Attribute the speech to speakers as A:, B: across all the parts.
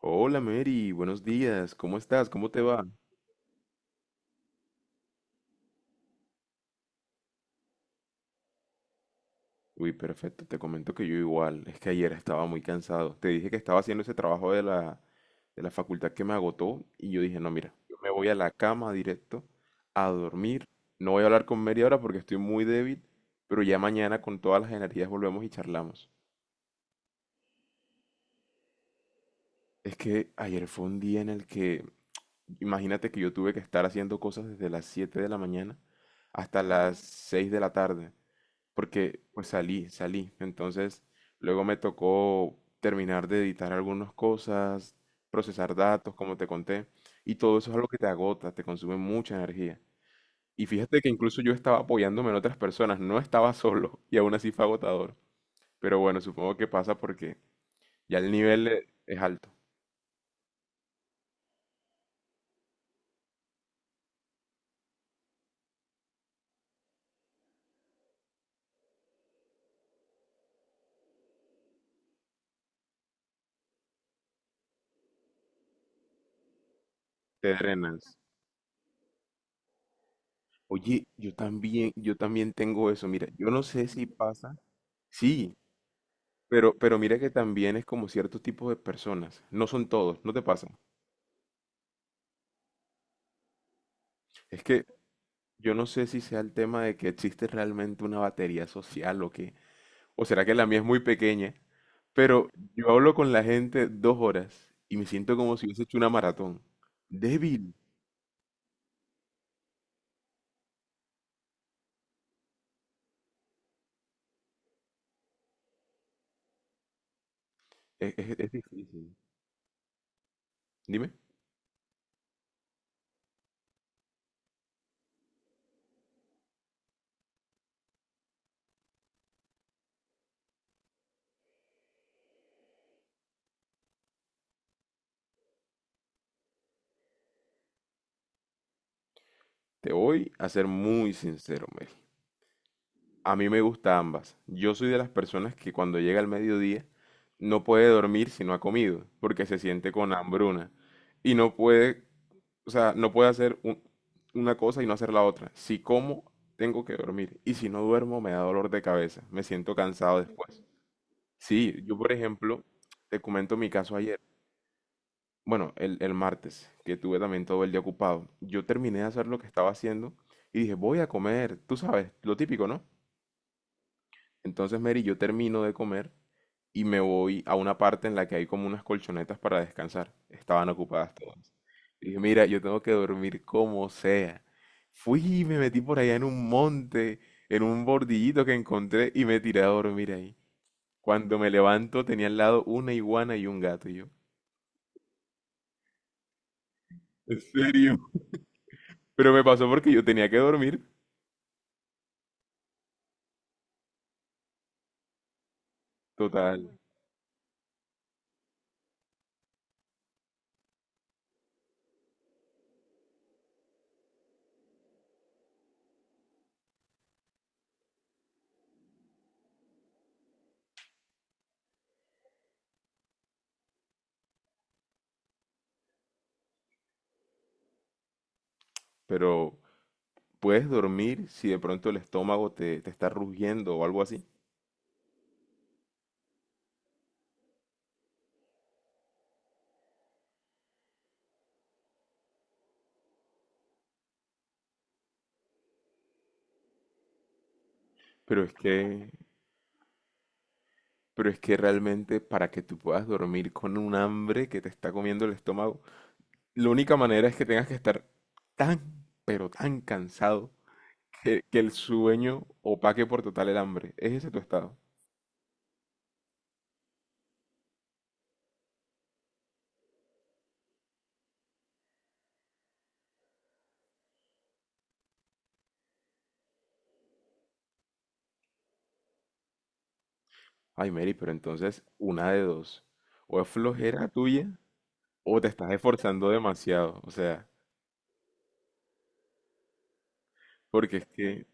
A: Hola Mary, buenos días, ¿cómo estás? ¿Cómo te va? Uy, perfecto, te comento que yo igual, es que ayer estaba muy cansado. Te dije que estaba haciendo ese trabajo de la facultad que me agotó y yo dije, no, mira, yo me voy a la cama directo a dormir. No voy a hablar con Mary ahora porque estoy muy débil, pero ya mañana con todas las energías volvemos y charlamos. Es que ayer fue un día en el que, imagínate que yo tuve que estar haciendo cosas desde las 7 de la mañana hasta las 6 de la tarde. Porque pues salí, salí. Entonces, luego me tocó terminar de editar algunas cosas, procesar datos, como te conté, y todo eso es algo que te agota, te consume mucha energía. Y fíjate que incluso yo estaba apoyándome en otras personas, no estaba solo, y aún así fue agotador. Pero bueno, supongo que pasa porque ya el nivel es alto, te drenas. Oye, yo también tengo eso, mira, yo no sé si pasa. Sí, pero mira que también es como ciertos tipos de personas, no son todos, no te pasa. Es que yo no sé si sea el tema de que existe realmente una batería social o qué, o será que la mía es muy pequeña, pero yo hablo con la gente 2 horas y me siento como si hubiese hecho una maratón. Débil, es difícil. Dime, te voy a ser muy sincero, Mel. A mí me gusta ambas. Yo soy de las personas que cuando llega el mediodía no puede dormir si no ha comido, porque se siente con hambruna. Y no puede, o sea, no puede hacer una cosa y no hacer la otra. Si como, tengo que dormir. Y si no duermo, me da dolor de cabeza. Me siento cansado después. Sí, yo por ejemplo, te comento mi caso ayer. Bueno, el martes, que tuve también todo el día ocupado. Yo terminé de hacer lo que estaba haciendo y dije, voy a comer. Tú sabes, lo típico, ¿no? Entonces, Mary, yo termino de comer y me voy a una parte en la que hay como unas colchonetas para descansar. Estaban ocupadas todas. Y dije, mira, yo tengo que dormir como sea. Fui y me metí por allá en un monte, en un bordillito que encontré y me tiré a dormir ahí. Cuando me levanto tenía al lado una iguana y un gato y yo. ¿En serio? Pero me pasó porque yo tenía que dormir. Total. Pero puedes dormir si de pronto el estómago te está rugiendo o algo así. Pero es que pero es que realmente para que tú puedas dormir con un hambre que te está comiendo el estómago, la única manera es que tengas que estar tan, pero tan cansado que el sueño opaque por total el hambre. ¿Es ese tu estado? Ay, Mary, pero entonces una de dos. O es flojera tuya o te estás esforzando demasiado. O sea, porque es que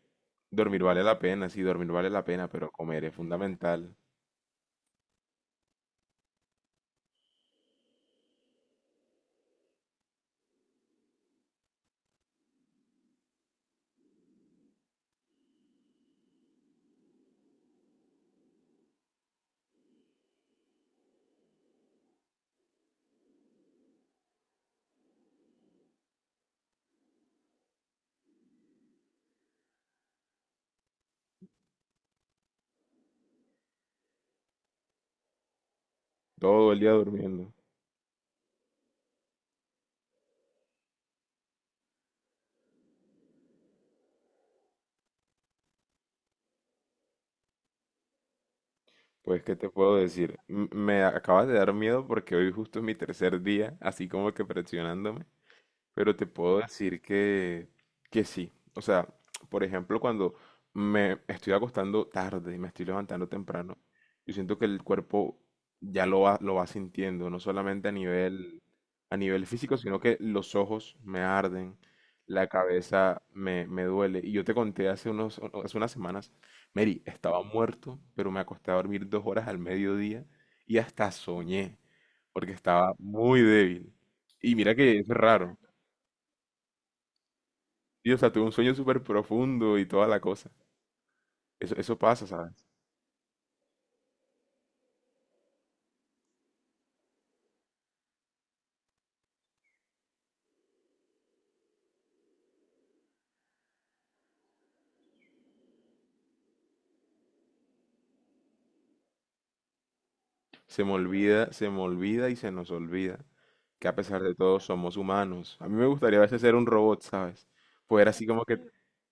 A: dormir vale la pena, sí, dormir vale la pena, pero comer es fundamental. Todo el día durmiendo. Pues, ¿qué te puedo decir? M- Me acabas de dar miedo porque hoy justo es mi tercer día, así como que presionándome. Pero te puedo decir que sí. O sea, por ejemplo, cuando me estoy acostando tarde y me estoy levantando temprano, yo siento que el cuerpo ya lo va sintiendo, no solamente a nivel físico, sino que los ojos me arden, la cabeza me duele. Y yo te conté hace unas semanas, Mary, estaba muerto, pero me acosté a dormir 2 horas al mediodía y hasta soñé, porque estaba muy débil. Y mira que es raro, sí, o sea, tuve un sueño súper profundo y toda la cosa. Eso pasa, ¿sabes? Se me olvida y se nos olvida que a pesar de todo somos humanos. A mí me gustaría a veces ser un robot, ¿sabes? Poder así como que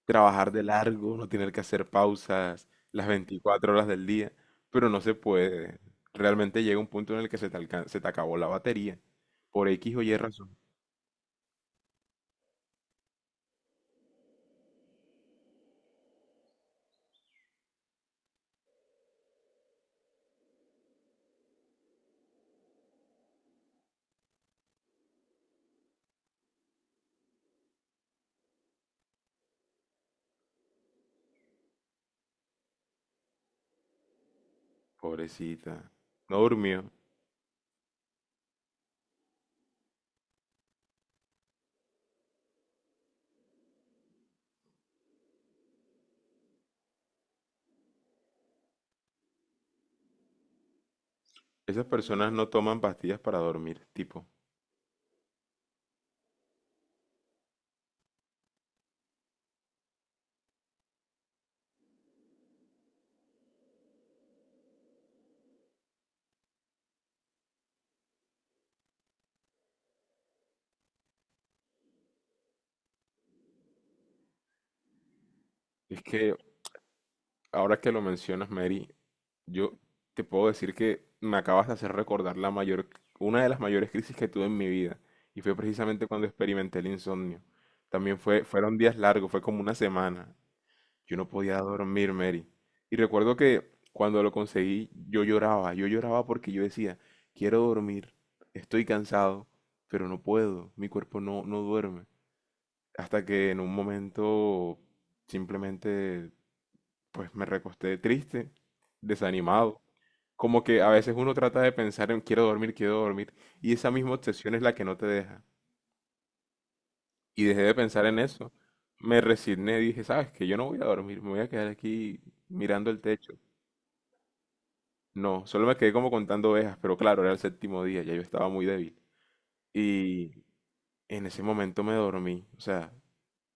A: trabajar de largo, no tener que hacer pausas las 24 horas del día, pero no se puede. Realmente llega un punto en el que se te acabó la batería. Por X o Y razón. Pobrecita. No durmió. Esas personas no toman pastillas para dormir, tipo. Es que, ahora que lo mencionas, Mary, yo te puedo decir que me acabas de hacer recordar la mayor, una de las mayores crisis que tuve en mi vida, y fue precisamente cuando experimenté el insomnio. También fueron días largos, fue como una semana. Yo no podía dormir, Mary. Y recuerdo que cuando lo conseguí, yo lloraba porque yo decía, quiero dormir, estoy cansado, pero no puedo, mi cuerpo no duerme. Hasta que en un momento simplemente pues me recosté triste, desanimado. Como que a veces uno trata de pensar en quiero dormir, y esa misma obsesión es la que no te deja. Y dejé de pensar en eso. Me resigné, dije, sabes que yo no voy a dormir, me voy a quedar aquí mirando el techo. No, solo me quedé como contando ovejas, pero claro, era el séptimo día, ya yo estaba muy débil. Y en ese momento me dormí. O sea,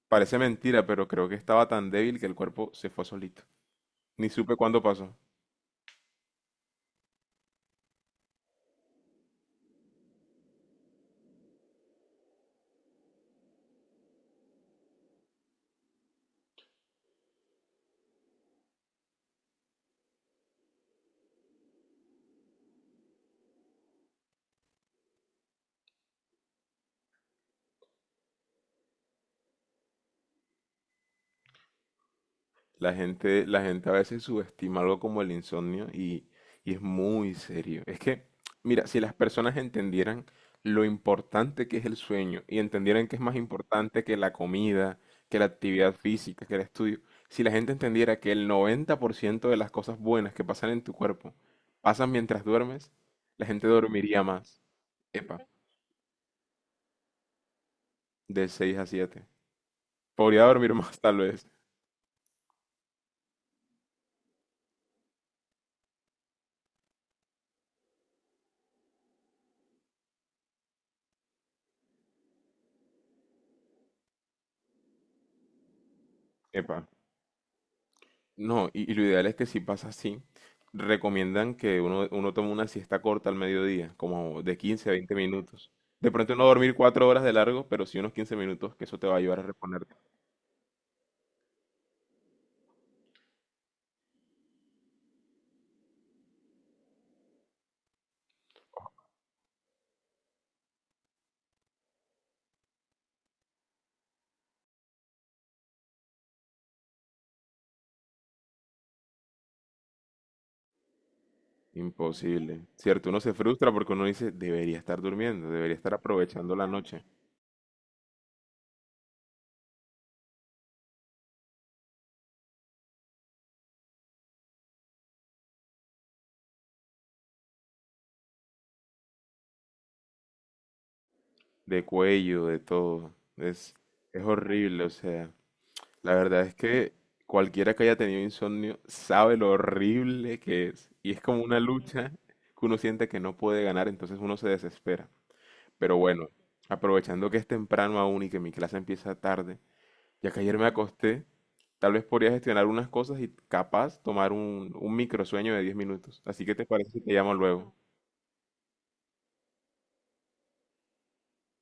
A: parece mentira, pero creo que estaba tan débil que el cuerpo se fue solito. Ni supe cuándo pasó. La gente a veces subestima algo como el insomnio y es muy serio. Es que, mira, si las personas entendieran lo importante que es el sueño y entendieran que es más importante que la comida, que la actividad física, que el estudio, si la gente entendiera que el 90% de las cosas buenas que pasan en tu cuerpo pasan mientras duermes, la gente dormiría más. Epa, de 6 a 7 podría dormir más tal vez. Epa. No, y lo ideal es que si pasa así, recomiendan que uno tome una siesta corta al mediodía, como de 15 a 20 minutos. De pronto no dormir 4 horas de largo, pero sí unos 15 minutos, que eso te va a ayudar a reponerte. Imposible. Cierto, uno se frustra porque uno dice, debería estar durmiendo, debería estar aprovechando la noche, de cuello, de todo. Es horrible, o sea. La verdad es que cualquiera que haya tenido insomnio sabe lo horrible que es. Y es como una lucha que uno siente que no puede ganar, entonces uno se desespera. Pero bueno, aprovechando que es temprano aún y que mi clase empieza tarde, ya que ayer me acosté, tal vez podría gestionar unas cosas y capaz tomar un microsueño de 10 minutos. Así que te parece que te llamo luego.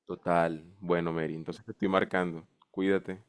A: Total, bueno, Mary, entonces te estoy marcando. Cuídate.